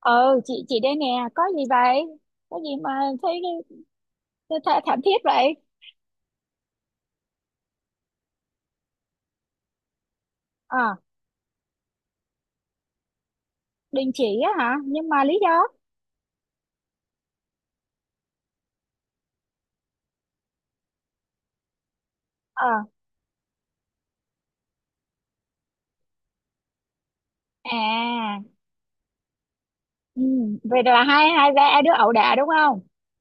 Ừ chị đây nè. Có gì vậy? Có gì mà thấy th th thảm thiết vậy? ờ Đình chỉ á hả? Nhưng mà lý do? ờ à ừ. Vậy là hai hai ba đứa ẩu đả đúng không?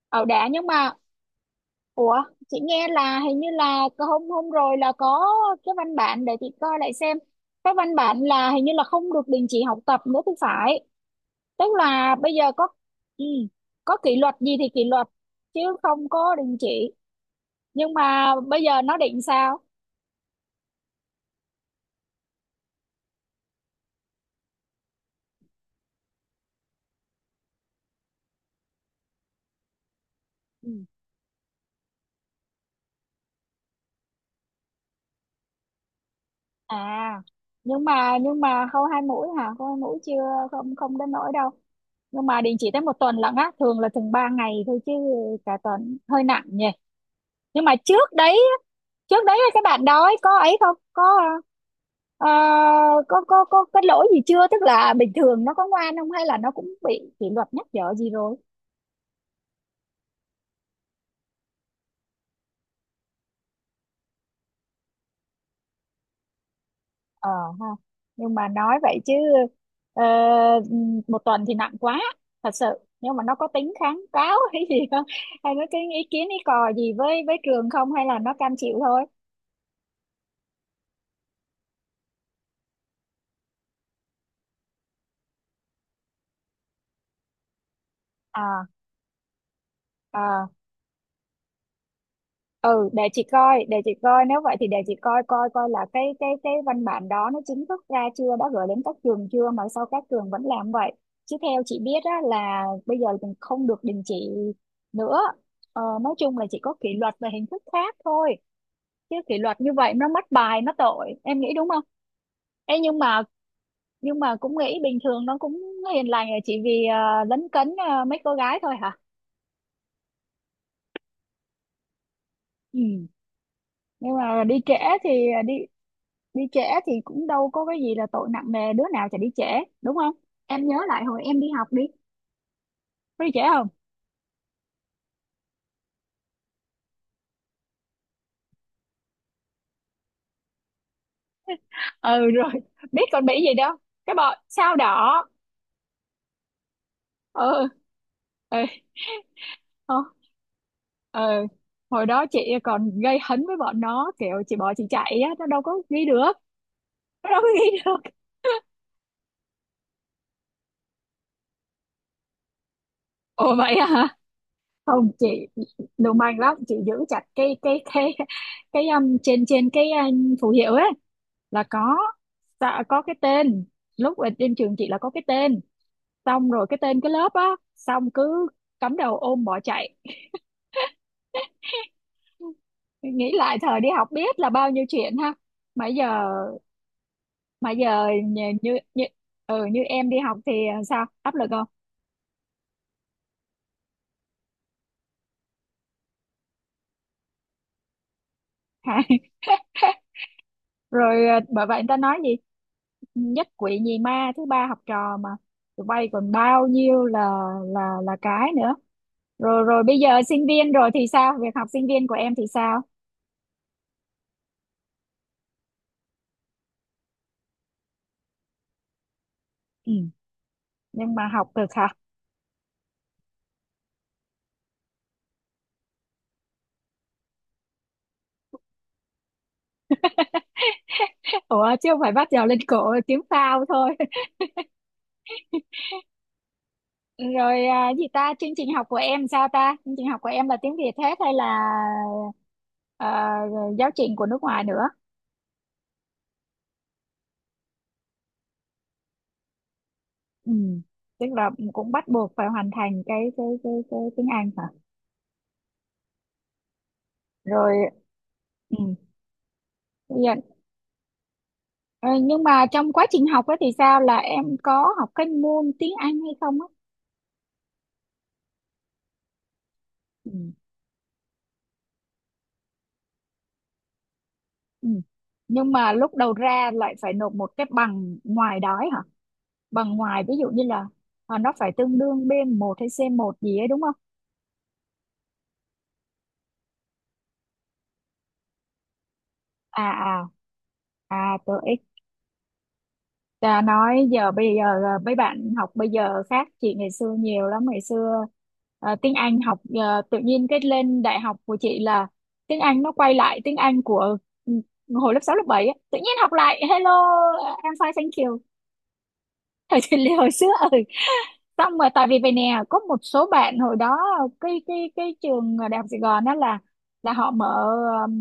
Ẩu đả, nhưng mà ủa, chị nghe là hình như là hôm hôm rồi là có cái văn bản, để chị coi lại xem. Cái văn bản là hình như là không được đình chỉ học tập nữa thì phải. Tức là bây giờ có ừ, có kỷ luật gì thì kỷ luật, chứ không có đình chỉ. Nhưng mà bây giờ nó định sao? Ừ. À, nhưng mà khâu 2 mũi hả? Khâu 2 mũi chưa? Không, không đến nỗi đâu. Nhưng mà định chỉ tới một tuần lận á, thường là thường 3 ngày thôi chứ. Cả tuần hơi nặng nhỉ. Nhưng mà trước đấy các bạn đó ấy, có ấy không, có ờ, có cái lỗi gì chưa? Tức là bình thường nó có ngoan không, hay là nó cũng bị kỷ luật nhắc nhở gì rồi? ờ Ha, nhưng mà nói vậy chứ ờ, một tuần thì nặng quá, thật sự. Nhưng mà nó có tính kháng cáo hay gì không? Hay nó cái ý kiến ý cò gì với trường không? Hay là nó cam chịu thôi? À. À. Ừ, để chị coi, để chị coi, nếu vậy thì để chị coi coi coi là cái văn bản đó nó chính thức ra chưa, đã gửi đến các trường chưa mà sao các trường vẫn làm vậy. Chứ theo chị biết á, là bây giờ mình không được đình chỉ nữa. Nói chung là chỉ có kỷ luật và hình thức khác thôi. Chứ kỷ luật như vậy nó mất bài, nó tội, em nghĩ đúng không? Ê, nhưng mà cũng nghĩ bình thường nó cũng hiền lành, là chỉ vì lấn cấn mấy cô gái thôi hả? Ừ. Nhưng mà đi trễ thì à, đi đi trễ thì cũng đâu có cái gì là tội nặng nề, đứa nào chả đi trễ, đúng không? Em nhớ lại hồi em đi học đi, có đi trễ không? Ừ rồi, biết còn bị gì đâu, cái bọ sao đỏ. Ừ. Ừ. Ờ, ờ, Hồi đó chị còn gây hấn với bọn nó, kiểu chị bỏ chị chạy á, nó đâu có ghi được. Nó đâu có ghi được. Ồ, vậy hả? Không chị, lưu manh lắm chị, giữ chặt cái cái trên trên cái phù hiệu ấy, là có. Dạ, có cái tên, lúc ở trên trường chị là có cái tên. Xong rồi cái tên, cái lớp á. Xong cứ cắm đầu ôm bỏ chạy. Nghĩ lại thời đi học biết là bao nhiêu chuyện ha. Mà giờ, như như như em đi học thì sao, áp lực không? Hả? Rồi, bởi vậy người ta nói gì, nhất quỷ nhì ma thứ ba học trò mà. Tụi bay còn bao nhiêu là là cái nữa. Rồi rồi bây giờ sinh viên rồi thì sao, việc học sinh viên của em thì sao? Ừ. Nhưng mà học được hả? Ủa chứ không phải bắt đầu lên cổ tiếng phao thôi? Rồi gì ta, chương trình học của em sao ta? Chương trình học của em là tiếng Việt hết hay là à, giáo trình của nước ngoài nữa? Ừ. Tức là cũng bắt buộc phải hoàn thành cái tiếng Anh hả? Rồi. Ừ. Dạ. Ờ, nhưng mà trong quá trình học ấy thì sao, là em có học cái môn tiếng Anh hay không á? Ừ. Ừ. Nhưng mà lúc đầu ra lại phải nộp một cái bằng ngoài đó ấy hả? Bằng ngoài ví dụ như là nó phải tương đương b một hay c một gì ấy đúng không? À à. À tôi ít nói giờ bây giờ mấy bạn học bây giờ khác chị ngày xưa nhiều lắm. Ngày xưa tiếng Anh học tự nhiên cái lên đại học của chị là tiếng Anh nó quay lại tiếng Anh của ừ, hồi lớp 6 lớp 7 á. Tự nhiên học lại hello I'm fine thank you thời chị Lê hồi xưa. Ừ, xong rồi tại vì vậy nè có một số bạn hồi đó cái trường đại học Sài Gòn đó là họ mở um,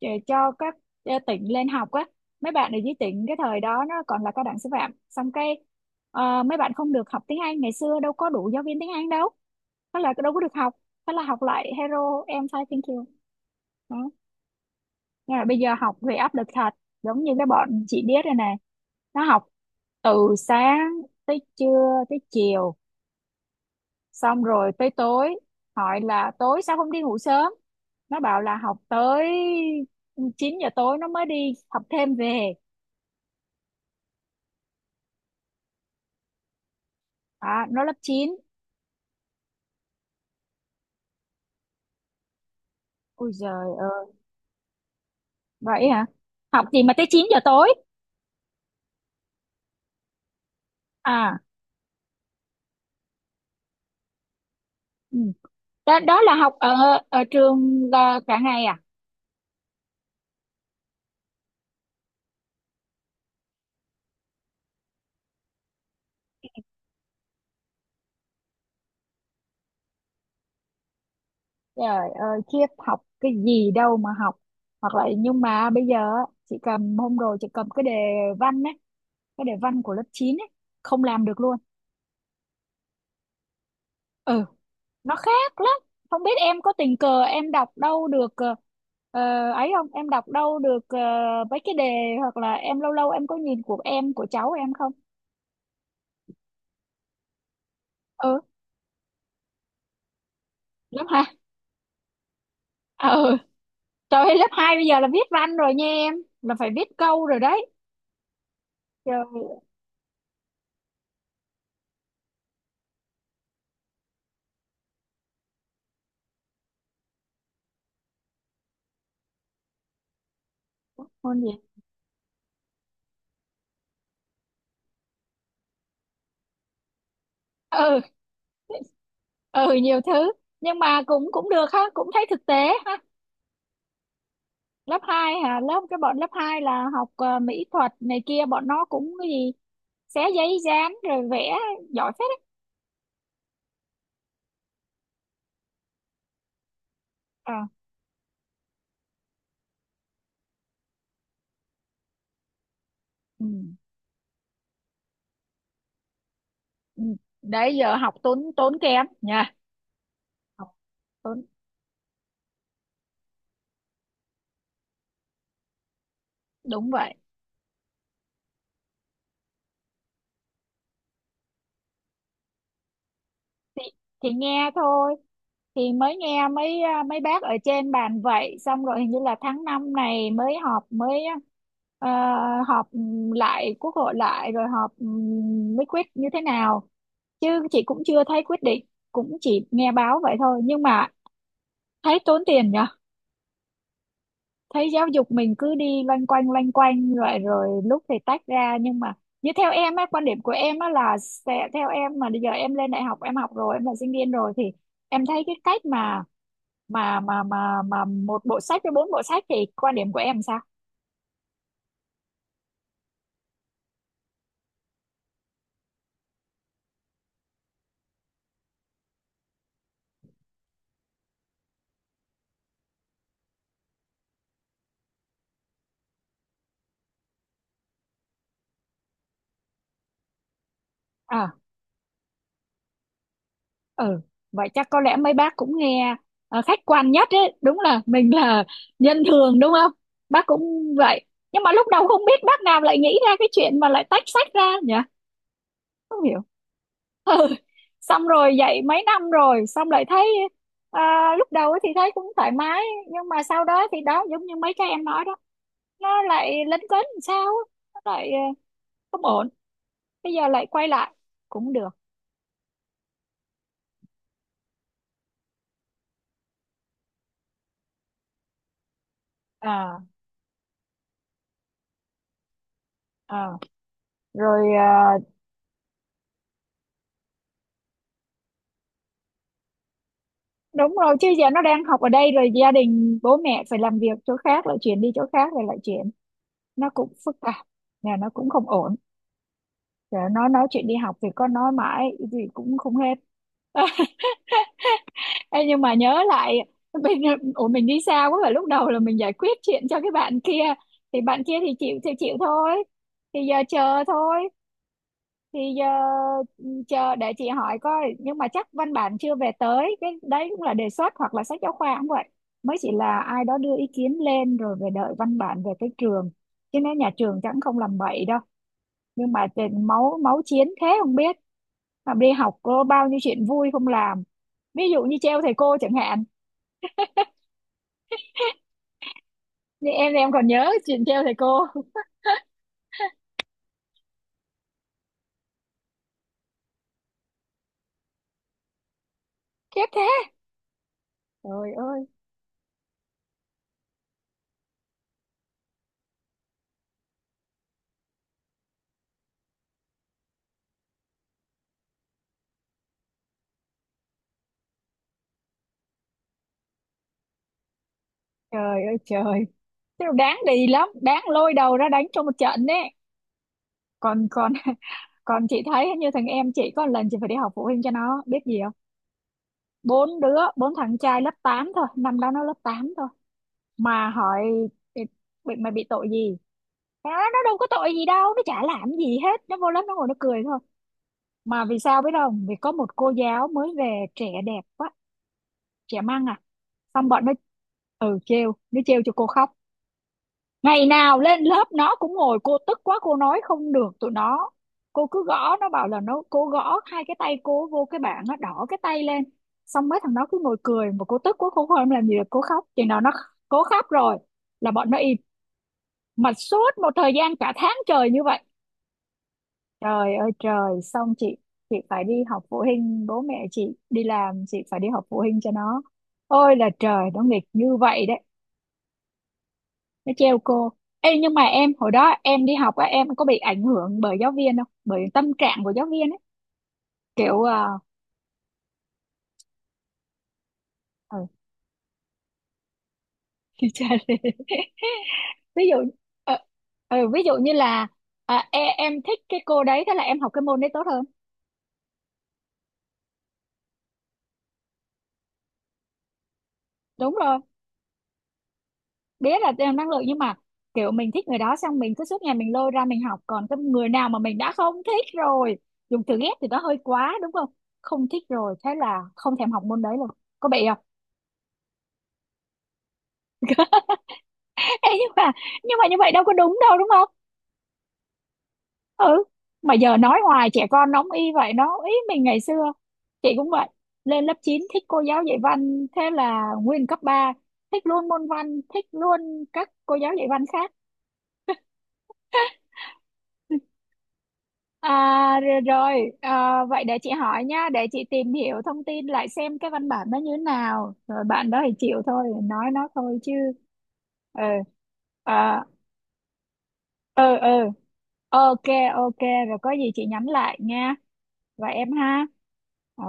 để cho các tỉnh lên học á, mấy bạn ở dưới tỉnh, cái thời đó nó còn là cao đẳng sư phạm. Xong cái mấy bạn không được học tiếng Anh, ngày xưa đâu có đủ giáo viên tiếng Anh đâu. Thế là đâu có được học. Thế là học lại hero em sai thank you đó. Nhưng mà bây giờ học về áp lực thật, giống như cái bọn chị biết rồi này, nó học từ sáng tới trưa tới chiều xong rồi tới tối. Hỏi là tối sao không đi ngủ sớm, nó bảo là học tới 9 giờ tối nó mới đi học thêm về. À, nó lớp 9. Ui giời ơi, vậy hả? Học gì mà tới 9 giờ tối? À. Ừ. Đó, đó là học ở ở trường là cả ngày à? Trời ơi khiếp, học cái gì đâu mà học. Hoặc là nhưng mà bây giờ á, chị cầm hôm rồi, chị cầm cái đề văn ấy, cái đề văn của lớp 9 ấy, không làm được luôn. Ừ, nó khác lắm. Không biết em có tình cờ em đọc đâu được ấy không, em đọc đâu được mấy cái đề? Hoặc là em lâu lâu em có nhìn của em, của cháu em không? Ừ, lớp 2 Ừ. Trời ơi, lớp 2 bây giờ là viết văn rồi nha em, là phải viết câu rồi đấy. Trời ơi. Môn gì? Ừ. Ừ, nhiều thứ. Nhưng mà cũng cũng được ha, cũng thấy thực tế ha. lớp 2 hả? Lớp cái bọn lớp 2 là học mỹ thuật này kia, bọn nó cũng cái gì xé giấy dán rồi vẽ, giỏi phết đấy. À. Ừ. Ừ. Đấy giờ học tốn, tốn kém nha. Học tốn. Đúng vậy. thì, thì nghe thôi, thì mới nghe mấy mấy bác ở trên bàn vậy, xong rồi hình như là tháng 5 này mới họp, mới ờ, họp lại quốc hội lại, rồi họp mới quyết như thế nào. Chứ chị cũng chưa thấy quyết định, cũng chỉ nghe báo vậy thôi nhưng mà thấy tốn tiền nhỉ. Thấy giáo dục mình cứ đi loanh quanh rồi, rồi lúc thì tách ra nhưng mà như theo em á, quan điểm của em á là sẽ theo em, mà bây giờ em lên đại học em học rồi em là sinh viên rồi thì em thấy cái cách mà một bộ sách với 4 bộ sách thì quan điểm của em sao? À. Ừ. Vậy chắc có lẽ mấy bác cũng nghe khách quan nhất ấy, đúng là mình là nhân thường đúng không, bác cũng vậy. Nhưng mà lúc đầu không biết bác nào lại nghĩ ra cái chuyện mà lại tách sách ra nhỉ. Không hiểu. Ừ. Xong rồi dạy mấy năm rồi xong lại thấy à, lúc đầu ấy thì thấy cũng thoải mái nhưng mà sau đó thì đó giống như mấy cái em nói đó, nó lại lấn cấn làm sao á, nó lại không ổn. Bây giờ lại quay lại cũng được. à, à. Rồi đúng rồi, chứ giờ nó đang học ở đây rồi, gia đình bố mẹ phải làm việc chỗ khác lại chuyển đi chỗ khác rồi lại chuyển, nó cũng phức tạp. Nhà nó cũng không ổn, giờ nó nói chuyện đi học thì có nói mãi gì cũng không hết. Ờ. Ê, nhưng mà nhớ lại mình, ủa mình đi xa quá, và lúc đầu là mình giải quyết chuyện cho cái bạn kia thì chịu thôi, thì giờ chờ thôi. Thì giờ chờ để chị hỏi coi, nhưng mà chắc văn bản chưa về tới, cái đấy cũng là đề xuất hoặc là sách giáo khoa cũng vậy, mới chỉ là ai đó đưa ý kiến lên rồi về đợi văn bản về cái trường. Chứ nếu nhà trường chẳng không làm bậy đâu. Nhưng mà tiền máu, máu chiến thế không biết, mà đi học có bao nhiêu chuyện vui không làm, ví dụ như treo thầy cô chẳng hạn. Như em thì em còn nhớ chuyện treo thầy cô khiếp thế. Trời ơi. Trời ơi trời. Thế mà đáng đi lắm, đáng lôi đầu ra đánh trong một trận đấy. Còn còn còn chị thấy như thằng em chị có một lần chị phải đi học phụ huynh cho nó, biết gì không? 4 đứa, 4 thằng trai lớp 8 thôi, năm đó nó lớp 8 thôi. Mà hỏi "Ê, mày bị tội gì?" Nó nói, nó đâu có tội gì đâu, nó chả làm gì hết, nó vô lớp nó ngồi nó cười thôi. Mà vì sao biết không, vì có một cô giáo mới về trẻ đẹp quá, trẻ măng xong bọn nó. Ừ, trêu, nó trêu cho cô khóc. Ngày nào lên lớp nó cũng ngồi, cô tức quá cô nói không được tụi nó. Cô cứ gõ, nó bảo là nó, cô gõ 2 cái tay cô vô cái bảng nó đỏ cái tay lên. Xong mấy thằng nó cứ ngồi cười, mà cô tức quá cô không làm gì được cô khóc. Chừng nào nó cố khóc rồi là bọn nó im. Mà suốt một thời gian cả tháng trời như vậy. Trời ơi trời. Xong chị phải đi học phụ huynh, bố mẹ chị đi làm chị phải đi học phụ huynh cho nó. Ôi là trời, nó nghịch như vậy đấy, nó trêu cô. Ê, nhưng mà em hồi đó em đi học á, em có bị ảnh hưởng bởi giáo viên không, bởi tâm trạng của giáo viên ấy, kiểu ừ, như lê. Ví dụ ờ, ví dụ như là em thích cái cô đấy thế là em học cái môn đấy tốt hơn. Đúng rồi, biết là em năng lượng nhưng mà kiểu mình thích người đó xong mình cứ suốt ngày mình lôi ra mình học, còn cái người nào mà mình đã không thích rồi, dùng từ ghét thì nó hơi quá đúng không, không thích rồi thế là không thèm học môn đấy luôn. Có bị không? Ê, nhưng mà như vậy đâu có đúng đâu đúng không. Ừ. Mà giờ nói hoài trẻ con nóng y vậy, nó ý mình ngày xưa chị cũng vậy, lên lớp 9 thích cô giáo dạy văn thế là nguyên cấp 3 thích luôn môn văn, thích luôn các cô giáo dạy văn khác. À rồi, rồi. À, vậy để chị hỏi nha, để chị tìm hiểu thông tin lại xem cái văn bản nó như thế nào, rồi bạn đó thì chịu thôi, nói nó thôi chứ. Ừ. À, ừ ừ, ok ok. Rồi có gì chị nhắn lại nha, và em ha. Ờ.